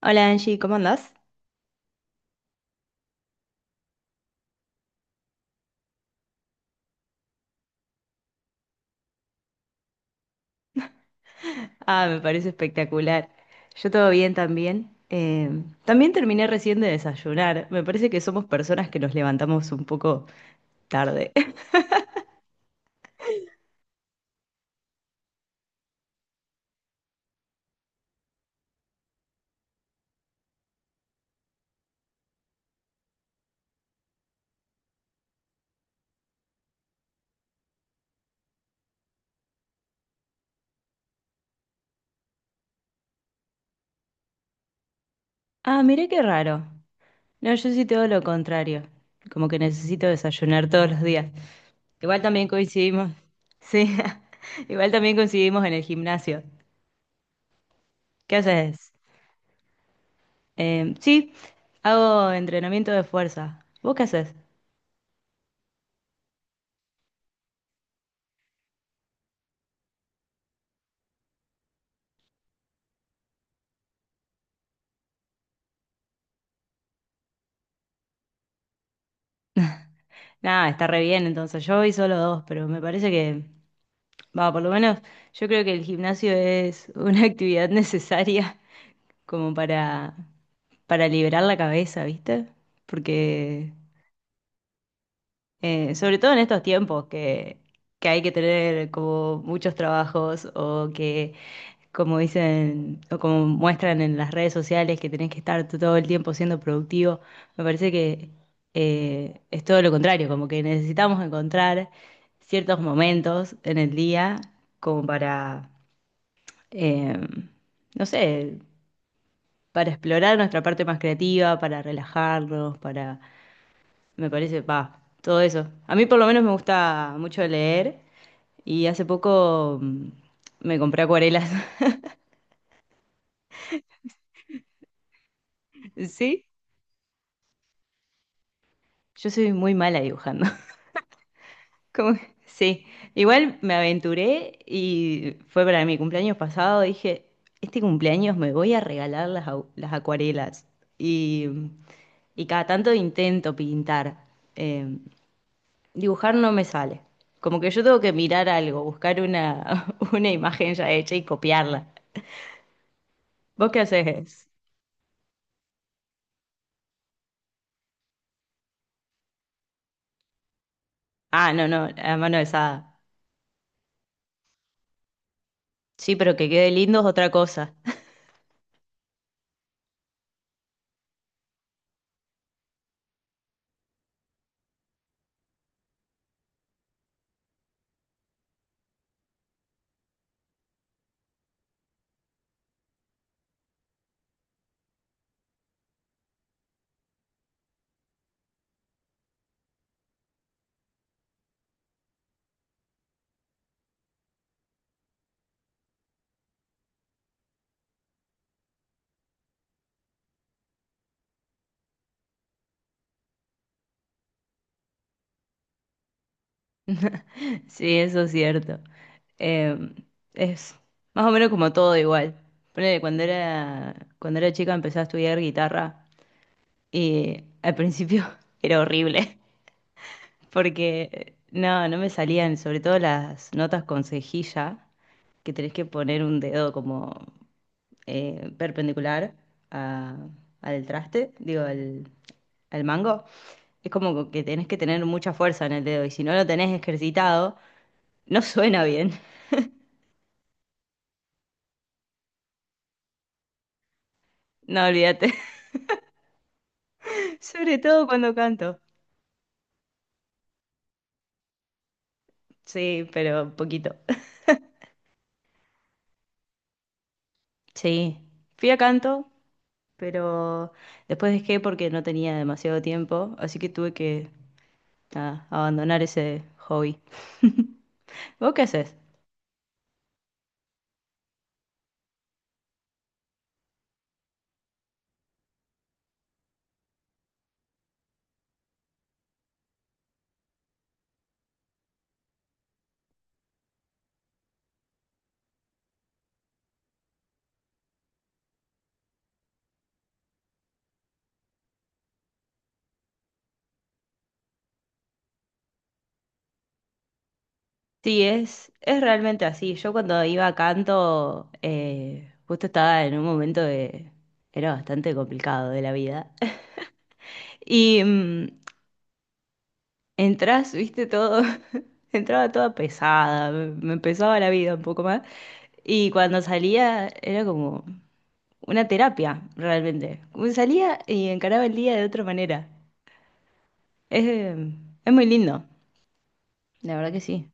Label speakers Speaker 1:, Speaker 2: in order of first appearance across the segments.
Speaker 1: Hola Angie, ¿cómo andás? Ah, me parece espectacular. Yo todo bien también. También terminé recién de desayunar. Me parece que somos personas que nos levantamos un poco tarde. Ah, mirá qué raro. No, yo sí todo lo contrario. Como que necesito desayunar todos los días. Igual también coincidimos. Sí, igual también coincidimos en el gimnasio. ¿Qué haces? Sí, hago entrenamiento de fuerza. ¿Vos qué haces? Nada, está re bien, entonces yo voy solo dos, pero me parece que, va, por lo menos yo creo que el gimnasio es una actividad necesaria como para liberar la cabeza, ¿viste? Porque sobre todo en estos tiempos que hay que tener como muchos trabajos o que, como dicen o como muestran en las redes sociales, que tenés que estar todo el tiempo siendo productivo, me parece que es todo lo contrario, como que necesitamos encontrar ciertos momentos en el día como para, eh, no sé, para explorar nuestra parte más creativa, para relajarnos, para, me parece, va, todo eso. A mí por lo menos me gusta mucho leer y hace poco me compré acuarelas. Sí, yo soy muy mala dibujando. Sí, igual me aventuré y fue para mi cumpleaños pasado, dije, este cumpleaños me voy a regalar las acuarelas. Y y cada tanto intento pintar. em, Dibujar no me sale. Como que yo tengo que mirar algo, buscar una, una imagen ya hecha y copiarla. ¿Vos qué haces? Ah, no, no, a mano alzada. Sí, pero que quede lindo es otra cosa. Sí, eso es cierto. Eh, es más o menos como todo igual. Ponele, cuando era chica empecé a estudiar guitarra y al principio era horrible porque no me salían, sobre todo las notas con cejilla que tenés que poner un dedo como perpendicular a- al traste, digo, al, al mango, es como que tenés que tener mucha fuerza en el dedo y si no lo tenés ejercitado, no suena bien. No, olvídate. Sobre todo cuando canto. Sí, pero poquito. Sí, fui a canto, pero después dejé porque no tenía demasiado tiempo, así que tuve que, nada, abandonar ese hobby. ¿Vos qué haces? Sí, es realmente así. Yo cuando iba a canto, justo estaba en un momento de... Era bastante complicado de la vida. Y entras, viste, todo... Entraba toda pesada, me pesaba la vida un poco más. Y cuando salía era como una terapia, realmente. Como salía y encaraba el día de otra manera. Es, eh, es muy lindo, la verdad que sí.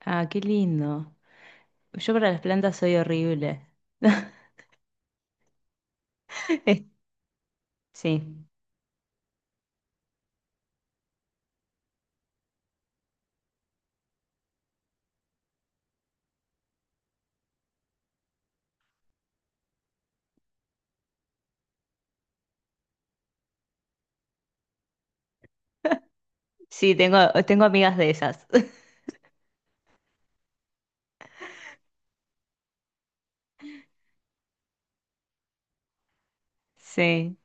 Speaker 1: Ah, qué lindo. Yo para las plantas soy horrible. Sí, sí, tengo amigas de esas. Sí,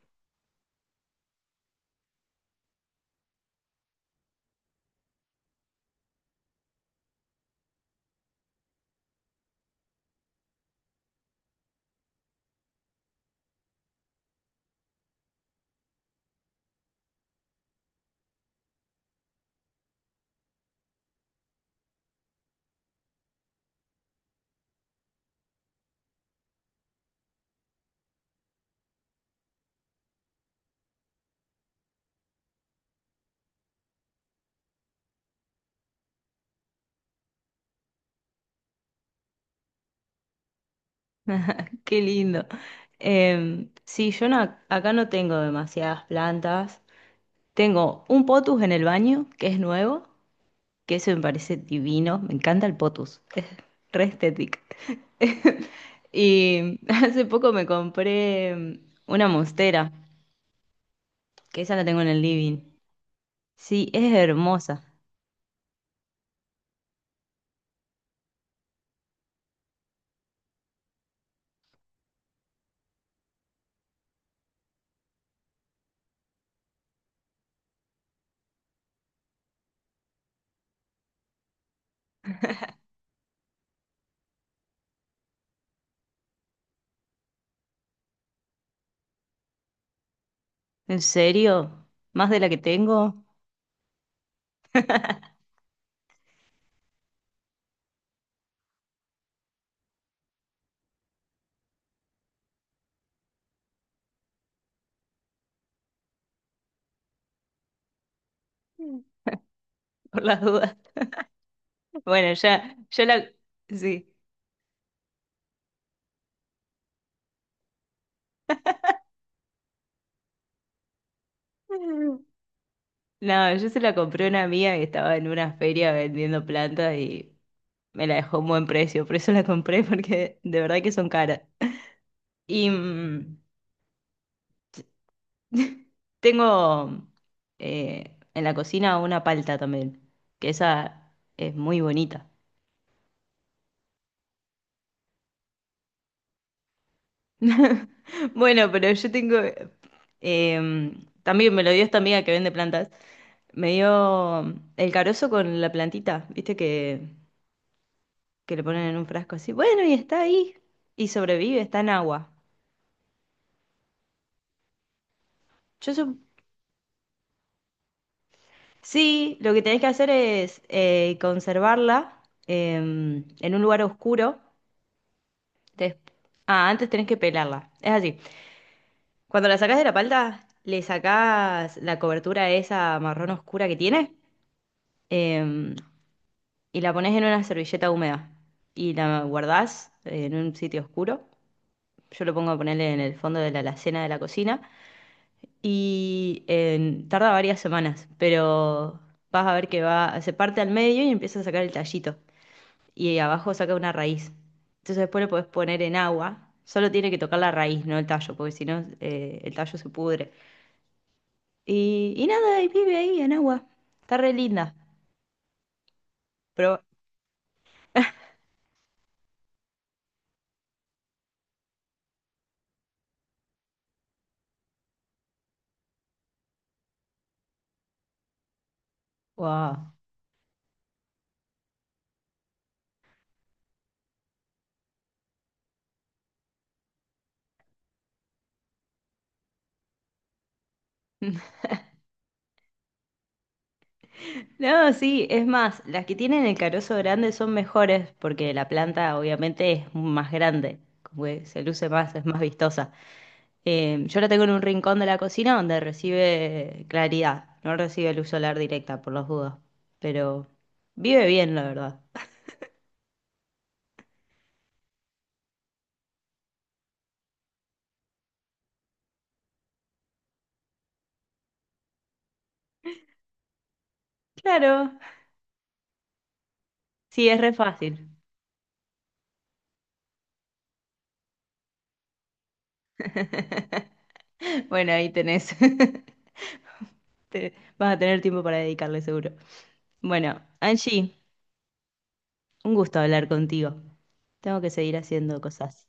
Speaker 1: qué lindo. Sí, yo no- acá no tengo demasiadas plantas. Tengo un potus en el baño, que es nuevo, que eso me parece divino. Me encanta el potus, es re estético. Y hace poco me compré una monstera, que esa la tengo en el living. Sí, es hermosa. ¿En serio? ¿Más de la que tengo? Por las dudas. Bueno, ya, yo la... Sí. No, yo se la compré a una amiga que estaba en una feria vendiendo plantas y me la dejó a un buen precio. Por eso la compré, porque de verdad que son caras. Y tengo en la cocina una palta también, que esa es muy bonita. Bueno, pero yo tengo... eh, también me lo dio esta amiga que vende plantas. Me dio el carozo con la plantita, viste que le ponen en un frasco así. Bueno, y está ahí. Y sobrevive, está en agua. Yo sup- sí, lo que tenés que hacer es conservarla en un lugar oscuro. Des- Ah, antes tenés que pelarla. Es así. Cuando la sacás de la palta, le sacás la cobertura esa marrón oscura que tiene, em, y la pones en una servilleta húmeda y la guardás en un sitio oscuro. Yo lo pongo a ponerle en el fondo de la alacena de la cocina. Y tarda varias semanas, pero vas a ver que va, se parte al medio y empieza a sacar el tallito. Y abajo saca una raíz. Entonces después lo podés poner en agua. Solo tiene que tocar la raíz, no el tallo, porque si no, el tallo se pudre. Y nada, y vive ahí en agua. Está re linda. Pero, wow. No, sí, es más, las que tienen el carozo grande son mejores porque la planta obviamente es más grande, como que se luce más, es más vistosa. Yo la tengo en un rincón de la cocina donde recibe claridad, no recibe luz solar directa por las dudas, pero vive bien, la verdad. Claro, sí, es re fácil. Bueno, ahí tenés. Vas a tener tiempo para dedicarle seguro. Bueno, Angie, un gusto hablar contigo. Tengo que seguir haciendo cosas.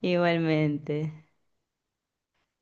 Speaker 1: Igualmente.